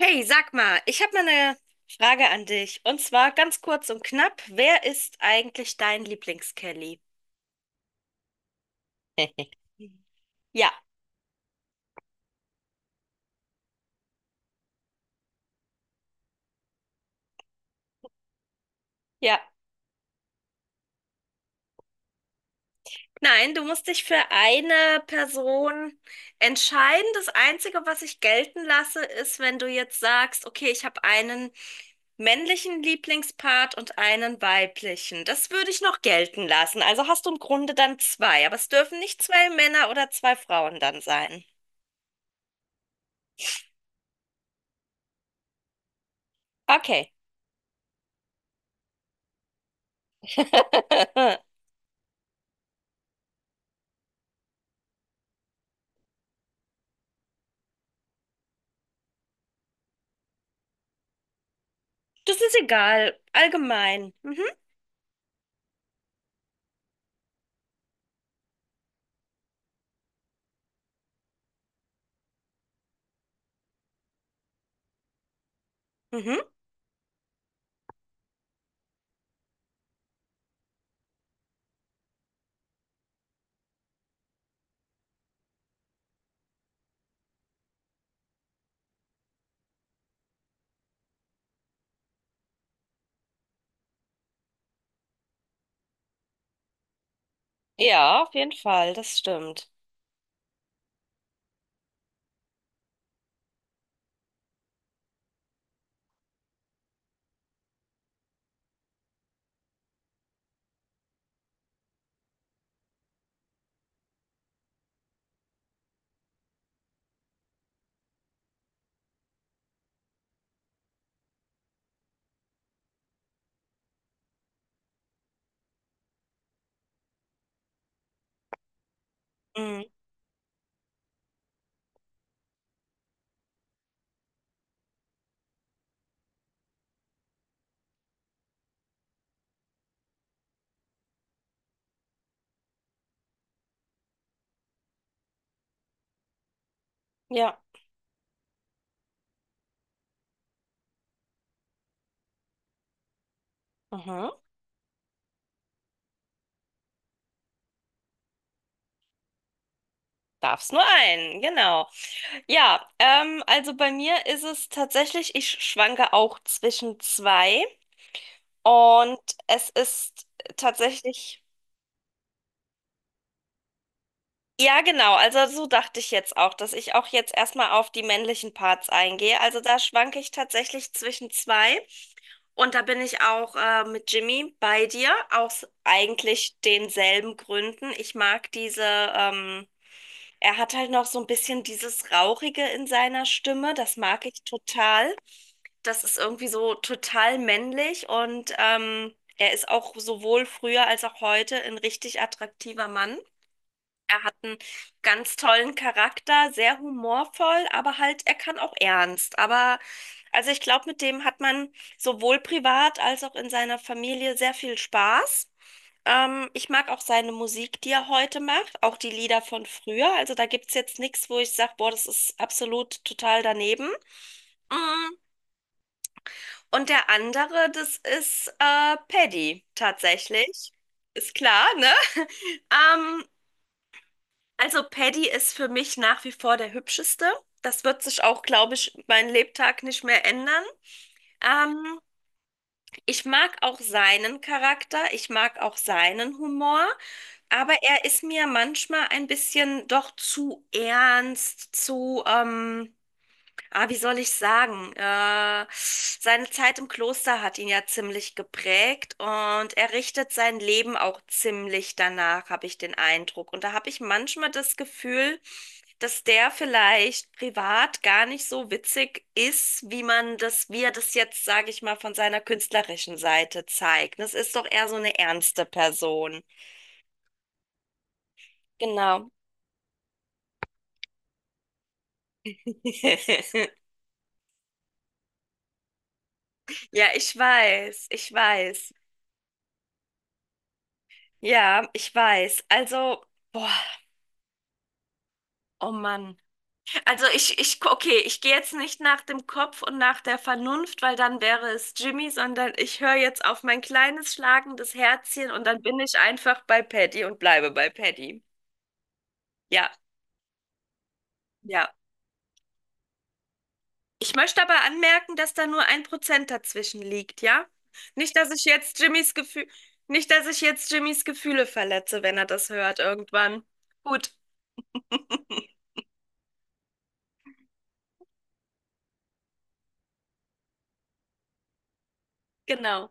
Hey, sag mal, ich habe mal eine Frage an dich. Und zwar ganz kurz und knapp, wer ist eigentlich dein Lieblings-Kelly? Ja, ja. Nein, du musst dich für eine Person entscheiden. Das Einzige, was ich gelten lasse, ist, wenn du jetzt sagst, okay, ich habe einen männlichen Lieblingspart und einen weiblichen. Das würde ich noch gelten lassen. Also hast du im Grunde dann zwei, aber es dürfen nicht zwei Männer oder zwei Frauen dann sein. Okay. Das ist egal, allgemein. Mhm. Mhm. Ja, auf jeden Fall, das stimmt. Mhm. Ja. Mhm. Darf's nur einen, genau. Ja, also bei mir ist es tatsächlich, ich schwanke auch zwischen zwei und es ist tatsächlich, ja genau, also so dachte ich jetzt auch, dass ich auch jetzt erstmal auf die männlichen Parts eingehe. Also da schwanke ich tatsächlich zwischen zwei. Und da bin ich auch mit Jimmy bei dir, aus eigentlich denselben Gründen. Ich mag diese, ähm, er hat halt noch so ein bisschen dieses Rauchige in seiner Stimme. Das mag ich total. Das ist irgendwie so total männlich und er ist auch sowohl früher als auch heute ein richtig attraktiver Mann. Er hat einen ganz tollen Charakter, sehr humorvoll, aber halt, er kann auch ernst. Aber also ich glaube, mit dem hat man sowohl privat als auch in seiner Familie sehr viel Spaß. Ich mag auch seine Musik, die er heute macht, auch die Lieder von früher. Also da gibt es jetzt nichts, wo ich sage, boah, das ist absolut total daneben. Mm. Und der andere, das ist Paddy tatsächlich. Ist klar, ne? Ähm, Also Paddy ist für mich nach wie vor der hübscheste. Das wird sich auch, glaube ich, mein Lebtag nicht mehr ändern. Ähm, ich mag auch seinen Charakter, ich mag auch seinen Humor, aber er ist mir manchmal ein bisschen doch zu ernst, Ah, wie soll ich sagen? Seine Zeit im Kloster hat ihn ja ziemlich geprägt und er richtet sein Leben auch ziemlich danach, habe ich den Eindruck. Und da habe ich manchmal das Gefühl, dass der vielleicht privat gar nicht so witzig ist, wie man das, wie er das jetzt, sage ich mal, von seiner künstlerischen Seite zeigt. Das ist doch eher so eine ernste Person. Genau. Ja, ich weiß. Ja, ich weiß. Also, boah. Oh Mann. Also okay, ich gehe jetzt nicht nach dem Kopf und nach der Vernunft, weil dann wäre es Jimmy, sondern ich höre jetzt auf mein kleines schlagendes Herzchen und dann bin ich einfach bei Paddy und bleibe bei Paddy. Ja, ja. Ich möchte aber anmerken, dass da nur 1% dazwischen liegt, ja? Nicht, dass ich jetzt Jimmys Gefühl, nicht, dass ich jetzt Jimmys Gefühle verletze, wenn er das hört irgendwann. Gut, genau.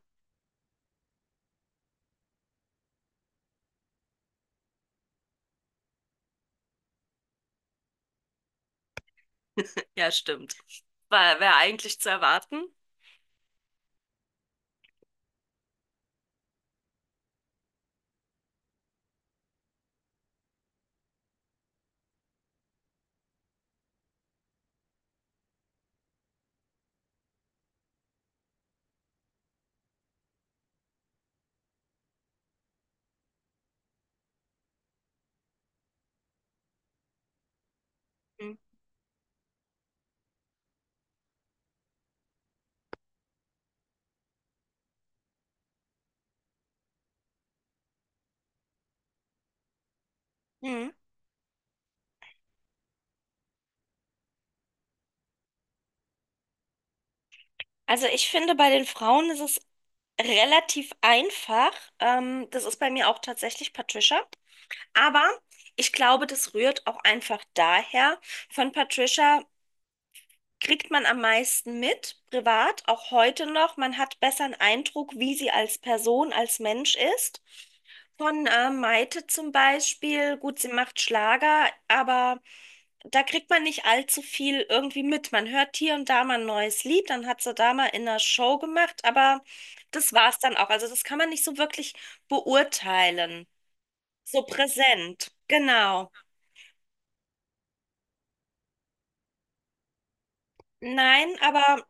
Ja, stimmt. War, wäre eigentlich zu erwarten. Mhm. Mhm. Also ich finde, bei den Frauen ist es relativ einfach. Das ist bei mir auch tatsächlich Patricia. Aber ich glaube, das rührt auch einfach daher. Von Patricia kriegt man am meisten mit, privat, auch heute noch. Man hat besser einen Eindruck, wie sie als Person, als Mensch ist. Von Maite zum Beispiel, gut, sie macht Schlager, aber da kriegt man nicht allzu viel irgendwie mit. Man hört hier und da mal ein neues Lied, dann hat sie da mal in einer Show gemacht, aber das war's dann auch. Also das kann man nicht so wirklich beurteilen. So präsent. Genau. Nein, aber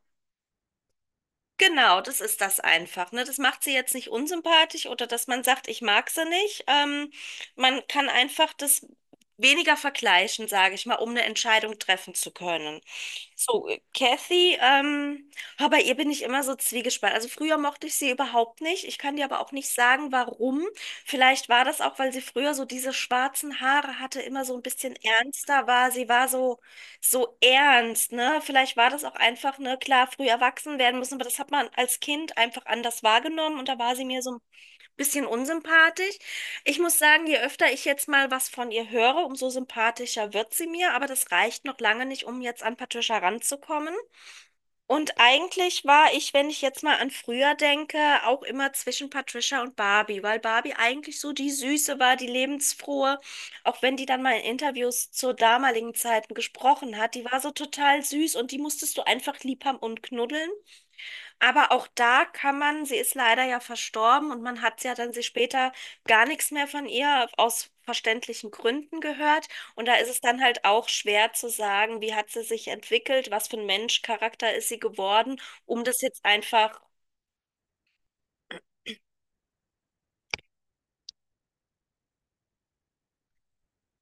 genau, das ist das einfach. Ne? Das macht sie jetzt nicht unsympathisch oder dass man sagt, ich mag sie nicht. Man kann einfach das weniger vergleichen, sage ich mal, um eine Entscheidung treffen zu können. So, Kathy, oh, bei ihr bin ich immer so zwiegespalten. Also früher mochte ich sie überhaupt nicht. Ich kann dir aber auch nicht sagen, warum. Vielleicht war das auch, weil sie früher so diese schwarzen Haare hatte, immer so ein bisschen ernster war. Sie war so so ernst, ne? Vielleicht war das auch einfach, ne, klar, früh erwachsen werden müssen, aber das hat man als Kind einfach anders wahrgenommen und da war sie mir so ein bisschen unsympathisch. Ich muss sagen, je öfter ich jetzt mal was von ihr höre, umso sympathischer wird sie mir, aber das reicht noch lange nicht, um jetzt an Patricia ranzukommen. Und eigentlich war ich, wenn ich jetzt mal an früher denke, auch immer zwischen Patricia und Barbie, weil Barbie eigentlich so die Süße war, die lebensfrohe, auch wenn die dann mal in Interviews zu damaligen Zeiten gesprochen hat, die war so total süß und die musstest du einfach lieb haben und knuddeln. Aber auch da kann man, sie ist leider ja verstorben und man hat ja dann sie später gar nichts mehr von ihr aus verständlichen Gründen gehört. Und da ist es dann halt auch schwer zu sagen, wie hat sie sich entwickelt, was für ein Mensch, Charakter ist sie geworden, um das jetzt einfach,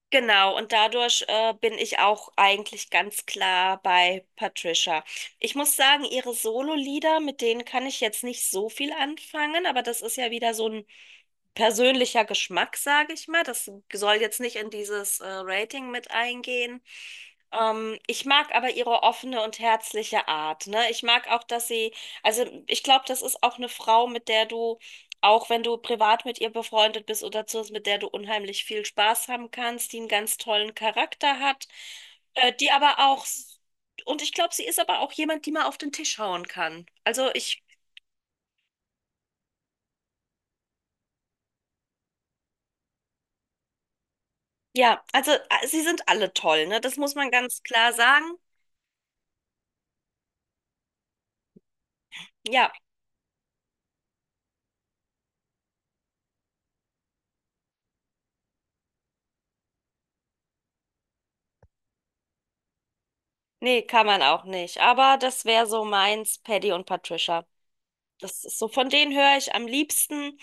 genau. Und dadurch bin ich auch eigentlich ganz klar bei Patricia. Ich muss sagen, ihre Solo-Lieder, mit denen kann ich jetzt nicht so viel anfangen, aber das ist ja wieder so ein persönlicher Geschmack, sage ich mal. Das soll jetzt nicht in dieses Rating mit eingehen. Ich mag aber ihre offene und herzliche Art, ne? Ich mag auch, dass sie, also ich glaube, das ist auch eine Frau, mit der du, auch wenn du privat mit ihr befreundet bist oder so, mit der du unheimlich viel Spaß haben kannst, die einen ganz tollen Charakter hat, die aber auch, und ich glaube, sie ist aber auch jemand, die mal auf den Tisch hauen kann. Also ich, ja, also sie sind alle toll, ne? Das muss man ganz klar sagen. Ja, nee, kann man auch nicht. Aber das wäre so meins, Paddy und Patricia. Das ist so, von denen höre ich am liebsten,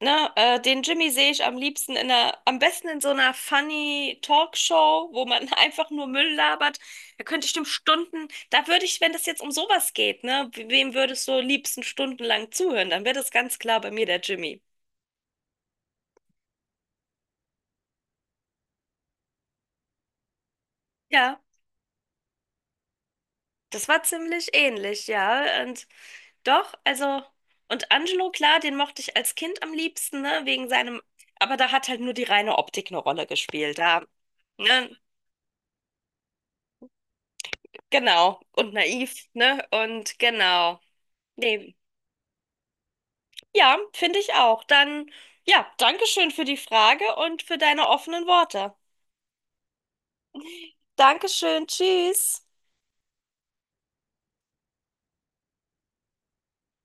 ne, den Jimmy sehe ich am liebsten in einer, am besten in so einer funny Talkshow, wo man einfach nur Müll labert. Da könnte ich dem Stunden, da würde ich, wenn das jetzt um sowas geht, ne, wem würdest du liebsten stundenlang zuhören? Dann wäre das ganz klar bei mir der Jimmy. Ja, das war ziemlich ähnlich, ja. Und doch, also, und Angelo, klar, den mochte ich als Kind am liebsten, ne, wegen seinem, aber da hat halt nur die reine Optik eine Rolle gespielt, da, ne, genau, und naiv, ne, und genau, nee, ja, finde ich auch. Dann, ja, Dankeschön für die Frage und für deine offenen Worte. Dankeschön, tschüss.